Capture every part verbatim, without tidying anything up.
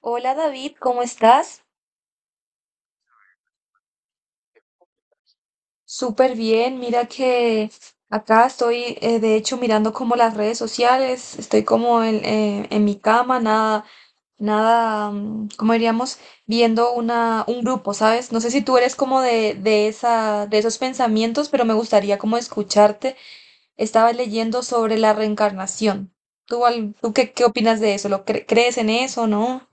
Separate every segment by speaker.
Speaker 1: Hola David, ¿cómo estás? Súper bien, mira que acá estoy eh, de hecho mirando como las redes sociales, estoy como en, eh, en mi cama, nada, nada, mm, ¿cómo diríamos? Viendo una, un grupo, ¿sabes? No sé si tú eres como de, de esa, de esos pensamientos, pero me gustaría como escucharte. Estaba leyendo sobre la reencarnación. ¿Tú, al- tú qué, qué opinas de eso? ¿Lo cre- crees en eso, no?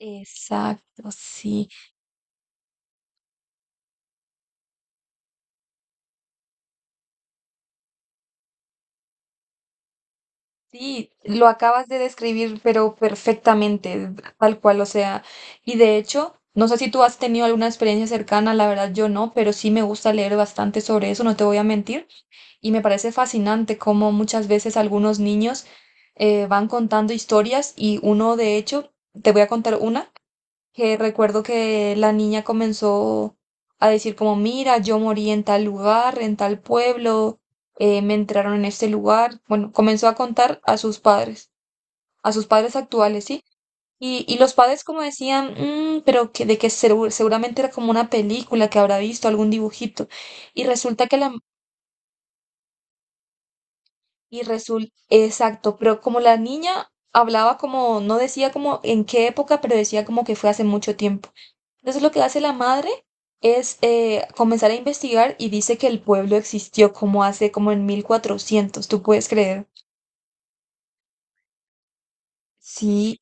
Speaker 1: Exacto, sí. Sí, lo acabas de describir, pero perfectamente, tal cual, o sea, y de hecho, no sé si tú has tenido alguna experiencia cercana, la verdad yo no, pero sí me gusta leer bastante sobre eso, no te voy a mentir, y me parece fascinante cómo muchas veces algunos niños eh, van contando historias y uno, de hecho, te voy a contar una que recuerdo que la niña comenzó a decir como, mira, yo morí en tal lugar, en tal pueblo, eh, me entraron en este lugar. Bueno, comenzó a contar a sus padres, a sus padres actuales, ¿sí? Y, y los padres como decían: "Mm, pero que, de que segu- seguramente era como una película que habrá visto, algún dibujito". Y resulta que la... Y resulta, exacto, pero como la niña hablaba como, no decía como en qué época, pero decía como que fue hace mucho tiempo. Entonces lo que hace la madre es eh, comenzar a investigar y dice que el pueblo existió como hace como en mil cuatrocientos. ¿Tú puedes creer? Sí.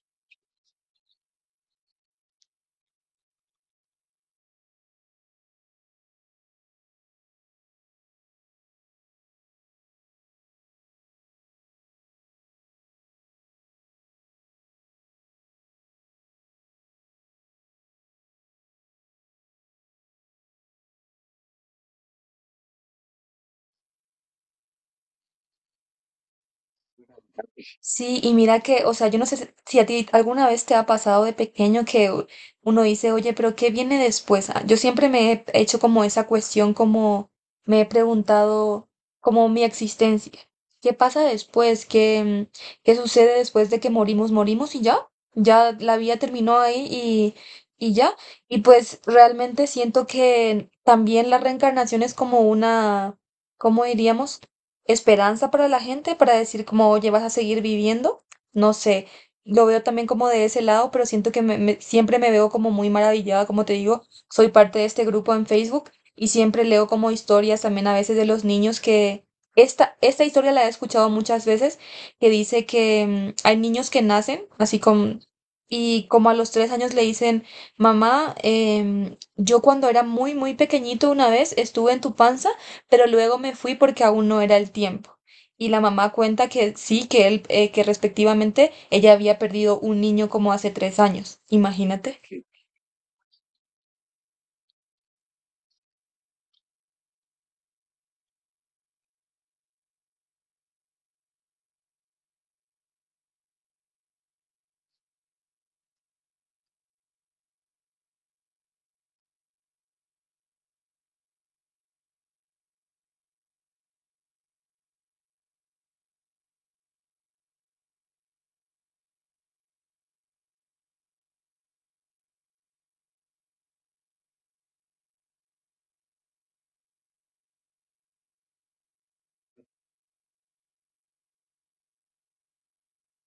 Speaker 1: Sí, y mira que, o sea, yo no sé si si a ti alguna vez te ha pasado de pequeño que u- uno dice, oye, pero ¿qué viene después? Ah, yo siempre me he hecho como esa cuestión, como me he preguntado, como mi existencia. ¿Qué pasa después? ¿Qué, mm, qué sucede después de que morimos? ¿Morimos y ya? Ya la vida terminó ahí y, y ya. Y pues realmente siento que también la reencarnación es como una, ¿cómo diríamos?, esperanza para la gente, para decir como, oye, vas a seguir viviendo. No sé, lo veo también como de ese lado, pero siento que me- me- siempre me veo como muy maravillada, como te digo, soy parte de este grupo en Facebook y siempre leo como historias también a veces de los niños que... Esta, esta historia la he escuchado muchas veces, que dice que mm, hay niños que nacen así con... Y como a los tres años le dicen: mamá, em, yo cuando era muy, muy pequeñito una vez estuve en tu panza, pero luego me fui porque aún no era el tiempo. Y la mamá cuenta que sí, que él, eh, que respectivamente ella había perdido un niño como hace tres años. Imagínate.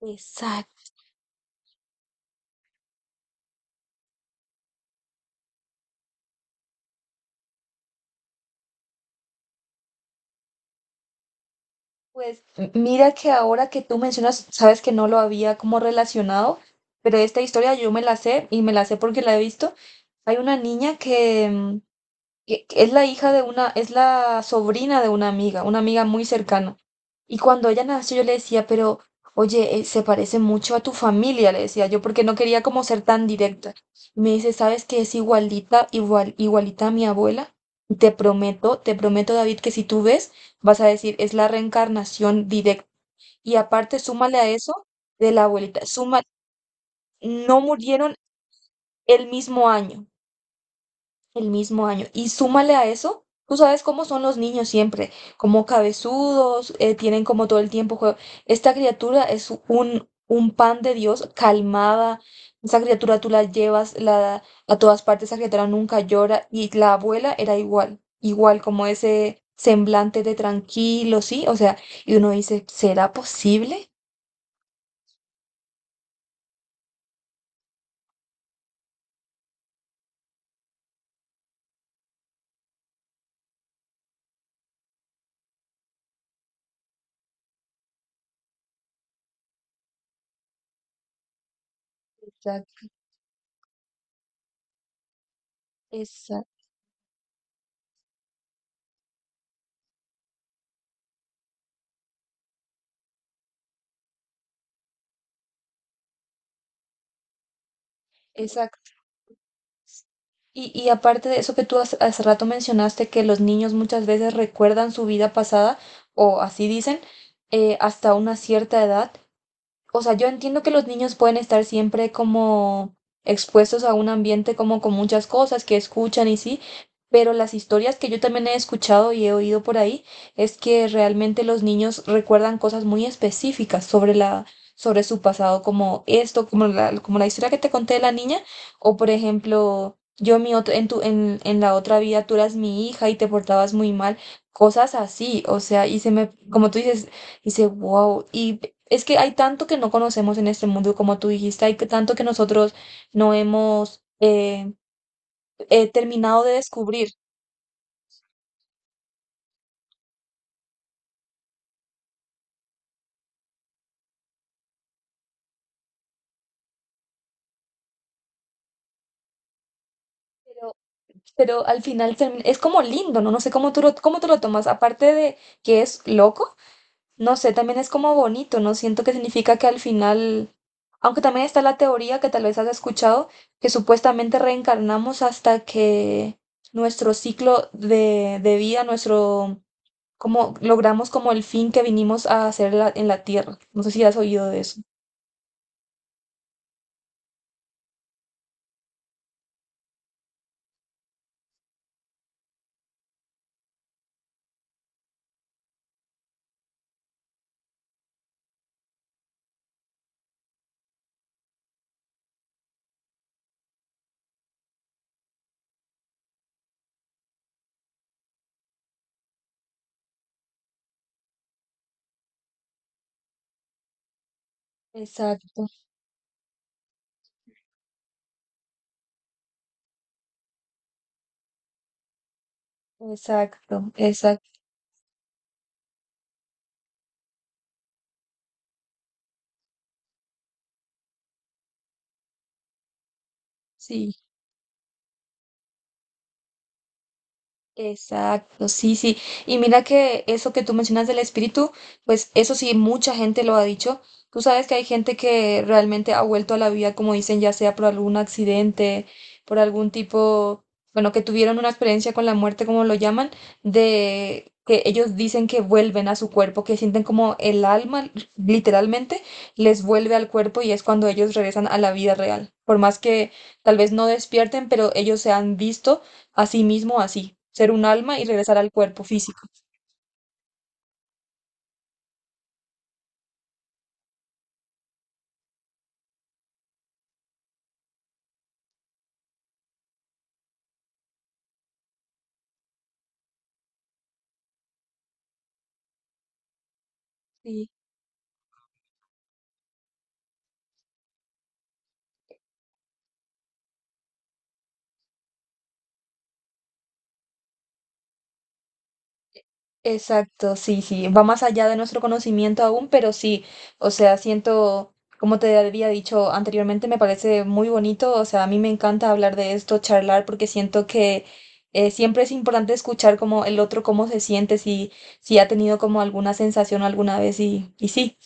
Speaker 1: Exacto. Pues m- mira que ahora que tú mencionas, sabes que no lo había como relacionado, pero esta historia yo me la sé y me la sé porque la he visto. Hay una niña que, mm, que que es la hija de una, es la sobrina de una amiga, una amiga muy cercana. Y cuando ella nació, yo le decía, pero oye, eh, se parece mucho a tu familia, le decía yo, porque no quería como ser tan directa. Y me dice, ¿sabes que es igualita, igual, igualita a mi abuela? Y te prometo, te prometo, David, que si tú ves, vas a decir, es la reencarnación directa. Y aparte, súmale a eso de la abuelita, suma, no murieron el mismo año. El mismo año. Y súmale a eso, tú sabes cómo son los niños siempre, como cabezudos, eh, tienen como todo el tiempo jue- Esta criatura es un, un pan de Dios, calmada. Esa criatura tú la llevas la, a todas partes, esa criatura nunca llora. Y la abuela era igual, igual como ese semblante de tranquilo, ¿sí? O sea, y uno dice, ¿será posible? Exacto, exacto, exacto. Y, y aparte de eso que tú hace, hace rato mencionaste, que los niños muchas veces recuerdan su vida pasada, o así dicen, eh, hasta una cierta edad. O sea, yo entiendo que los niños pueden estar siempre como expuestos a un ambiente como con muchas cosas que escuchan y sí, pero las historias que yo también he escuchado y he oído por ahí es que realmente los niños recuerdan cosas muy específicas sobre la, sobre su pasado, como esto, como la, como la historia que te conté de la niña, o por ejemplo, yo en mi otra- en tu, en, en la otra vida tú eras mi hija y te portabas muy mal, cosas así, o sea, y se me, como tú dices, dice, wow, y es que hay tanto que no conocemos en este mundo, como tú dijiste, hay que- tanto que nosotros no hemos eh, eh, terminado de descubrir, pero, pero al final termi- es como lindo, ¿no? No sé cómo tú lo, cómo tú lo tomas, aparte de que es loco, no sé, también es como bonito, ¿no? Siento que significa que al final, aunque también está la teoría que tal vez has escuchado, que supuestamente reencarnamos hasta que nuestro ciclo de, de vida, nuestro como logramos como el fin que vinimos a hacer en la, en la tierra. No sé si has oído de eso. Exacto, exacto, exacto. Sí. Exacto, sí, sí. Y mira que eso que tú mencionas del espíritu, pues eso sí, mucha gente lo ha dicho. Tú sabes que hay gente que realmente ha vuelto a la vida, como dicen, ya sea por algún accidente, por algún tipo, bueno, que tuvieron una experiencia con la muerte, como lo llaman, de que ellos dicen que vuelven a su cuerpo, que sienten como el alma, literalmente, les vuelve al cuerpo y es cuando ellos regresan a la vida real. Por más que tal vez no despierten, pero ellos se han visto asimismo, así, ser un alma y regresar al cuerpo físico. Sí, exacto, sí, sí, va más allá de nuestro conocimiento aún, pero sí, o sea, siento, como te había dicho anteriormente, me parece muy bonito, o sea, a mí me encanta hablar de esto, charlar, porque siento que eh, siempre es importante escuchar como el otro cómo se siente, si, si ha tenido como alguna sensación alguna vez y, y sí,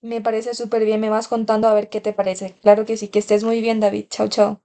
Speaker 1: me parece súper bien, me vas contando a ver qué te parece. Claro que sí, que estés muy bien, David, chao, chao.